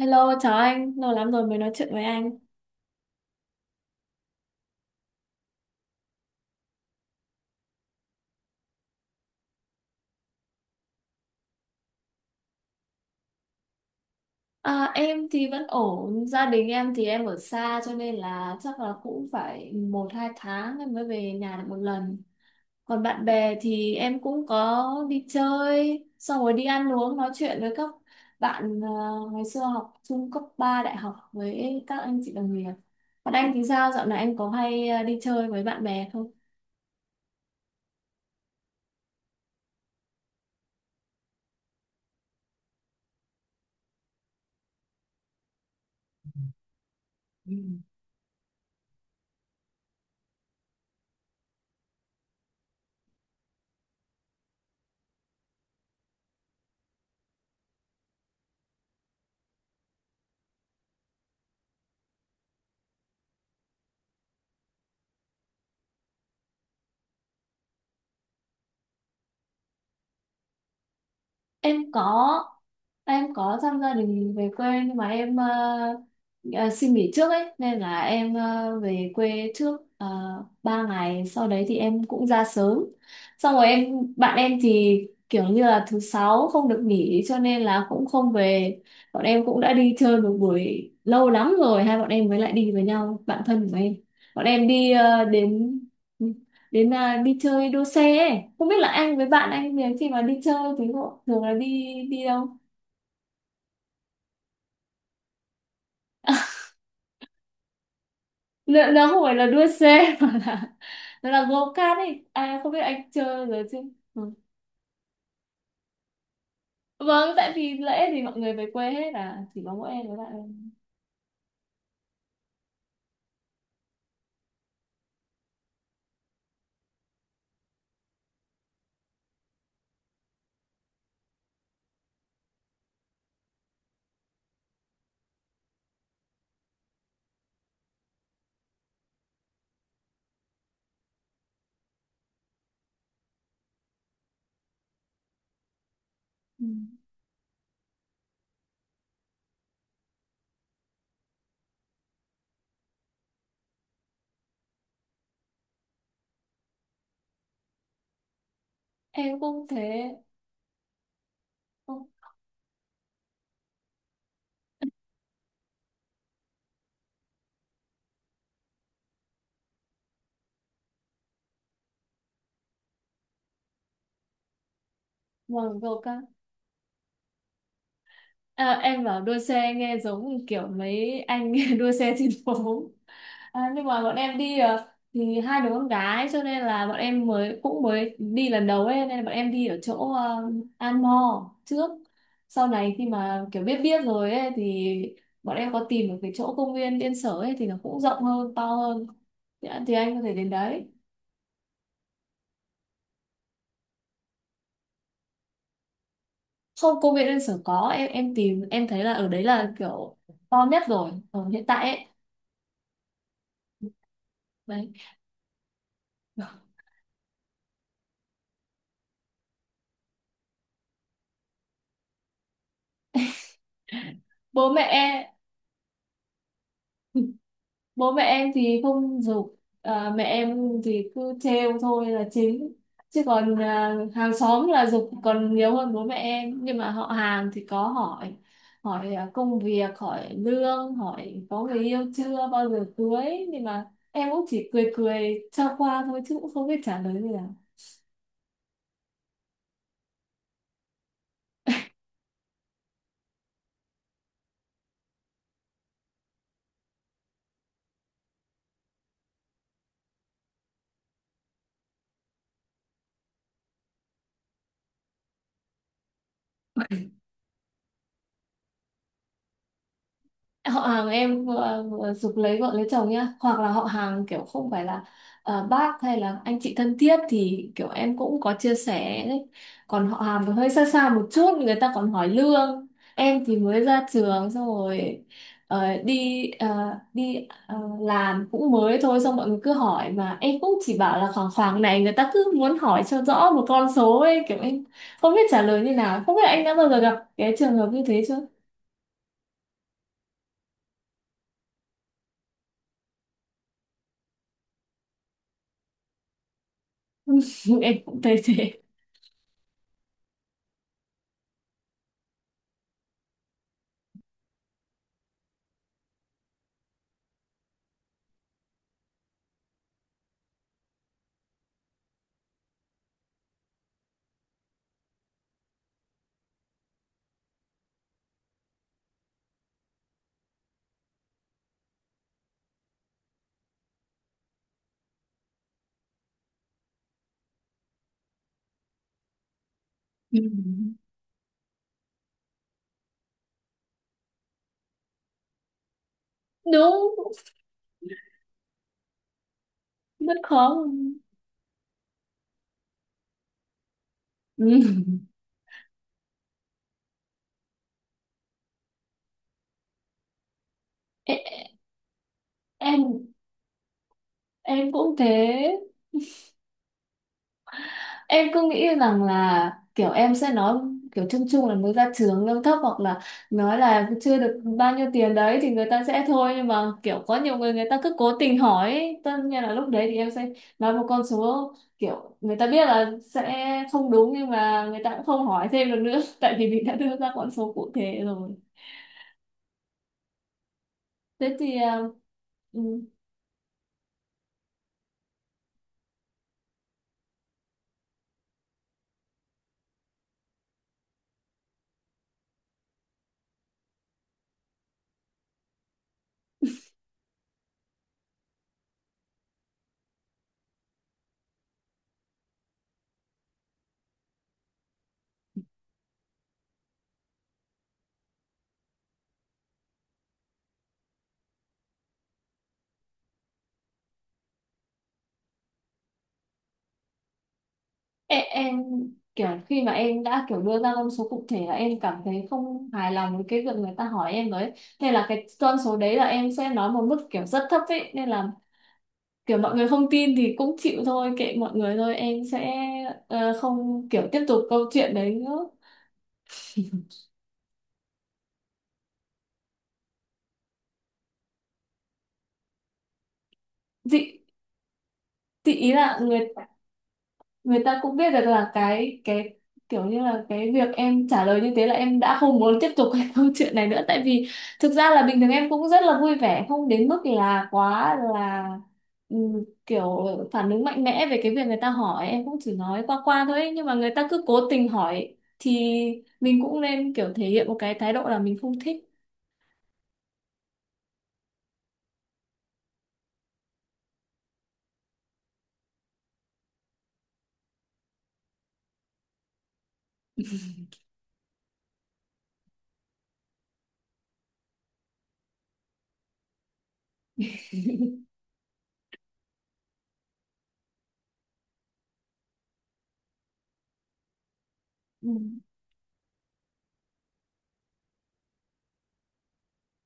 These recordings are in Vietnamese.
Hello, chào anh, lâu lắm rồi mới nói chuyện với anh. À, em thì vẫn ổn, gia đình em thì em ở xa cho nên là chắc là cũng phải một hai tháng em mới về nhà được một lần. Còn bạn bè thì em cũng có đi chơi, xong rồi đi ăn uống nói chuyện với các bạn ngày xưa học chung cấp 3 đại học với các anh chị đồng nghiệp. Còn anh thì sao, dạo này anh có hay đi chơi với bạn bè không? Em có. Em có thăm gia đình về quê, nhưng mà em ờ, xin nghỉ trước ấy, nên là em về quê trước 3 ngày. Sau đấy thì em cũng ra sớm, xong rồi em, bạn em thì kiểu như là thứ sáu không được nghỉ cho nên là cũng không về. Bọn em cũng đã đi chơi một buổi, lâu lắm rồi hai bọn em mới lại đi với nhau, bạn thân của em. Bọn em đi ờ, đến đến là đi chơi đua xe ấy. Không biết là anh với bạn anh thì khi mà đi chơi thì họ thường là đi đi đâu? Lựa, nó không phải là đua xe mà là nó là go kart ấy, à không biết anh chơi rồi chứ. Ừ. Vâng, tại vì lễ thì mọi người về quê hết à, chỉ có mỗi em với bạn em. Ừ. Em cũng thế. Ồ, vâng, go kart. À, em bảo đua xe nghe giống kiểu mấy anh đua xe trên phố. À, nhưng mà bọn em đi, thì hai đứa con gái cho nên là bọn em mới, cũng mới đi lần đầu ấy, nên là bọn em đi ở chỗ An Mo trước. Sau này khi mà kiểu biết biết rồi ấy thì bọn em có tìm được cái chỗ công viên Yên Sở ấy, thì nó cũng rộng hơn, to hơn, thì anh có thể đến đấy. Không, công viên Yên Sở có, em tìm em thấy là ở đấy là kiểu to nhất rồi ở hiện tại ấy. Đấy. Bố mẹ. Bố mẹ em thì không giục. À, mẹ em thì cứ trêu thôi là chính, chứ còn à, hàng xóm là giục còn nhiều hơn bố mẹ em. Nhưng mà họ hàng thì có hỏi, hỏi công việc, hỏi lương, hỏi có người yêu chưa, bao giờ cưới. Nhưng mà em cũng chỉ cười cười cho qua thôi, chứ cũng không biết trả lời gì cả. Họ hàng em giục lấy vợ lấy chồng nhá. Hoặc là họ hàng kiểu không phải là bác hay là anh chị thân thiết thì kiểu em cũng có chia sẻ đấy. Còn họ hàng thì hơi xa xa một chút người ta còn hỏi lương. Em thì mới ra trường xong rồi ờ, đi ờ, đi làm cũng mới thôi, xong mọi người cứ hỏi mà em cũng chỉ bảo là khoảng khoảng này. Người ta cứ muốn hỏi cho rõ một con số ấy, kiểu em không biết trả lời như nào. Không biết anh đã bao giờ gặp cái trường hợp như thế chưa. Em cũng thấy thế. Ừ. Đúng. Rất khó. Ừ. em em em cũng thế. Em cứ nghĩ rằng là kiểu em sẽ nói kiểu chung chung là mới ra trường lương thấp, hoặc là nói là chưa được bao nhiêu tiền đấy, thì người ta sẽ thôi. Nhưng mà kiểu có nhiều người, người ta cứ cố tình hỏi ấy. Tất nhiên là lúc đấy thì em sẽ nói một con số kiểu người ta biết là sẽ không đúng, nhưng mà người ta cũng không hỏi thêm được nữa tại vì mình đã đưa ra con số cụ thể rồi. thế thì à, ừ. Ê, em kiểu khi mà em đã kiểu đưa ra con số cụ thể là em cảm thấy không hài lòng với cái việc người ta hỏi em đấy. Nên là cái con số đấy là em sẽ nói một mức kiểu rất thấp ấy, nên là kiểu mọi người không tin thì cũng chịu thôi, kệ mọi người thôi. Em sẽ không kiểu tiếp tục câu chuyện đấy nữa. chị chị ý là người, người ta cũng biết được là cái kiểu như là cái việc em trả lời như thế là em đã không muốn tiếp tục cái câu chuyện này nữa. Tại vì thực ra là bình thường em cũng rất là vui vẻ, không đến mức là quá là kiểu phản ứng mạnh mẽ về cái việc người ta hỏi. Em cũng chỉ nói qua qua thôi ấy, nhưng mà người ta cứ cố tình hỏi thì mình cũng nên kiểu thể hiện một cái thái độ là mình không thích.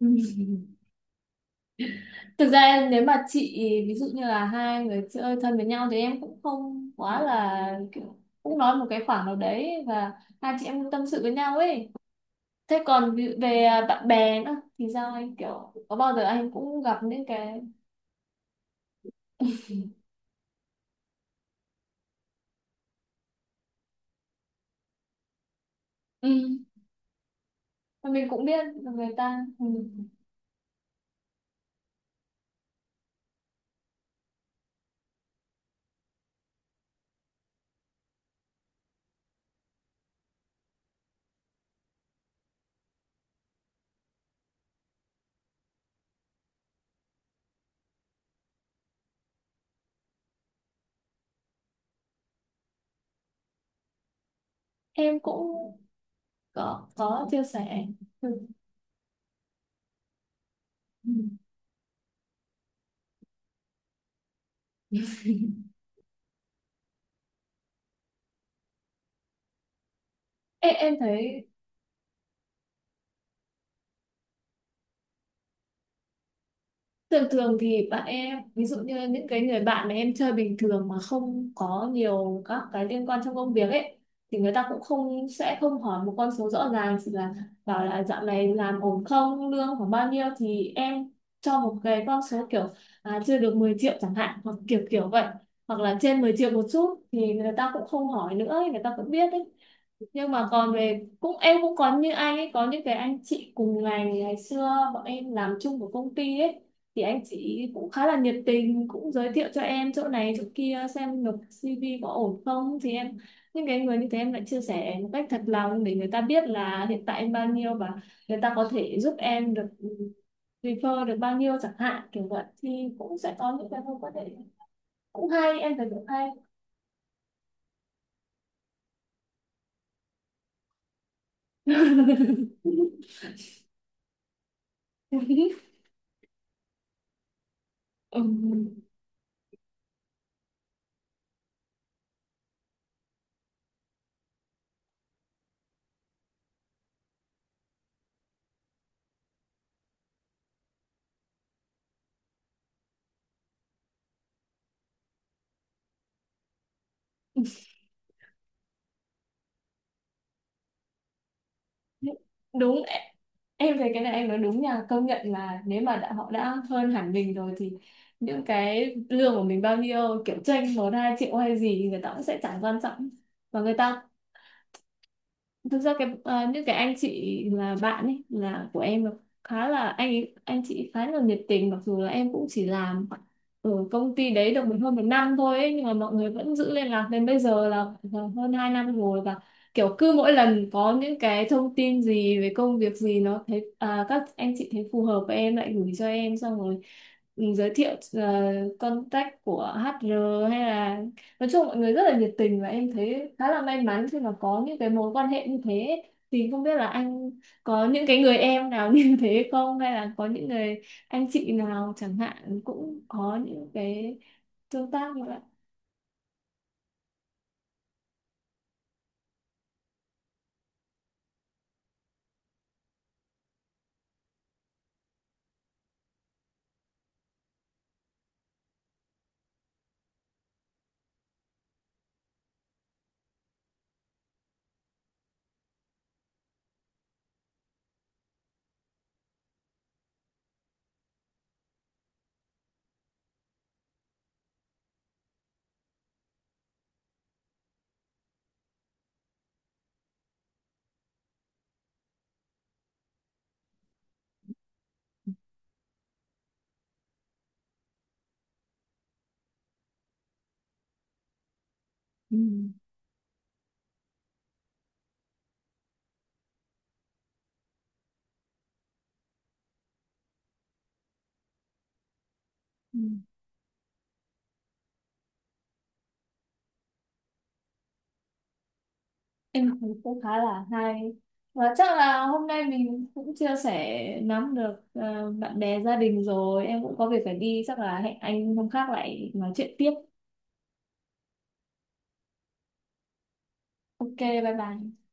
Ừm. Thực ra nếu mà chị, ví dụ như là hai người chơi thân với nhau thì em cũng không quá là kiểu, cũng nói một cái khoảng nào đấy, và hai chị em cũng tâm sự với nhau ấy. Thế còn ví dụ về bạn bè nữa thì sao, anh kiểu có bao giờ anh cũng gặp những cái, ừ, mà mình cũng biết là người ta. Ừ. Em cũng có chia sẻ. Ừ. Em thấy. Thường thường thì bạn em, ví dụ như những cái người bạn mà em chơi bình thường mà không có nhiều các cái liên quan trong công việc ấy, thì người ta cũng không, sẽ không hỏi một con số rõ ràng, chỉ là bảo là dạo này làm ổn không, lương khoảng bao nhiêu, thì em cho một cái con số kiểu à, chưa được 10 triệu chẳng hạn, hoặc kiểu kiểu vậy, hoặc là trên 10 triệu một chút, thì người ta cũng không hỏi nữa ấy, người ta cũng biết ấy. Nhưng mà còn về, cũng em cũng có như anh ấy, có những cái anh chị cùng ngành ngày xưa bọn em làm chung của công ty ấy, thì anh chị cũng khá là nhiệt tình, cũng giới thiệu cho em chỗ này chỗ kia xem nộp CV có ổn không, thì em những cái người như thế em lại chia sẻ một cách thật lòng, để người ta biết là hiện tại em bao nhiêu, và người ta có thể giúp em được refer được bao nhiêu chẳng hạn, kiểu vậy thì cũng sẽ có những cái mối quan hệ cũng hay, em thấy cũng hay. Ừ. Đúng. Em thấy cái này em nói đúng nha, công nhận là nếu mà đã, họ đã hơn hẳn mình rồi thì những cái lương của mình bao nhiêu, kiểu chênh một hai triệu hay gì thì người ta cũng sẽ chẳng quan trọng, và người ta. Thực ra cái những cái anh chị là bạn ấy là của em là khá là anh chị khá là nhiệt tình, mặc dù là em cũng chỉ làm ở công ty đấy được hơn một năm thôi ấy, nhưng mà mọi người vẫn giữ liên lạc đến bây giờ là hơn hai năm rồi. Và kiểu cứ mỗi lần có những cái thông tin gì về công việc gì, nó thấy à, các anh chị thấy phù hợp với em lại gửi cho em, xong rồi giới thiệu contact của HR hay là, nói chung mọi người rất là nhiệt tình, và em thấy khá là may mắn khi mà có những cái mối quan hệ như thế. Thì không biết là anh có những cái người em nào như thế không, hay là có những người anh chị nào chẳng hạn cũng có những cái tương tác như vậy. Ừ. Ừ. Em thấy cũng khá là hay, và chắc là hôm nay mình cũng chia sẻ nắm được ờ, bạn bè gia đình rồi, em cũng có việc phải đi, chắc là hẹn anh hôm khác lại nói chuyện tiếp. OK, bye bye.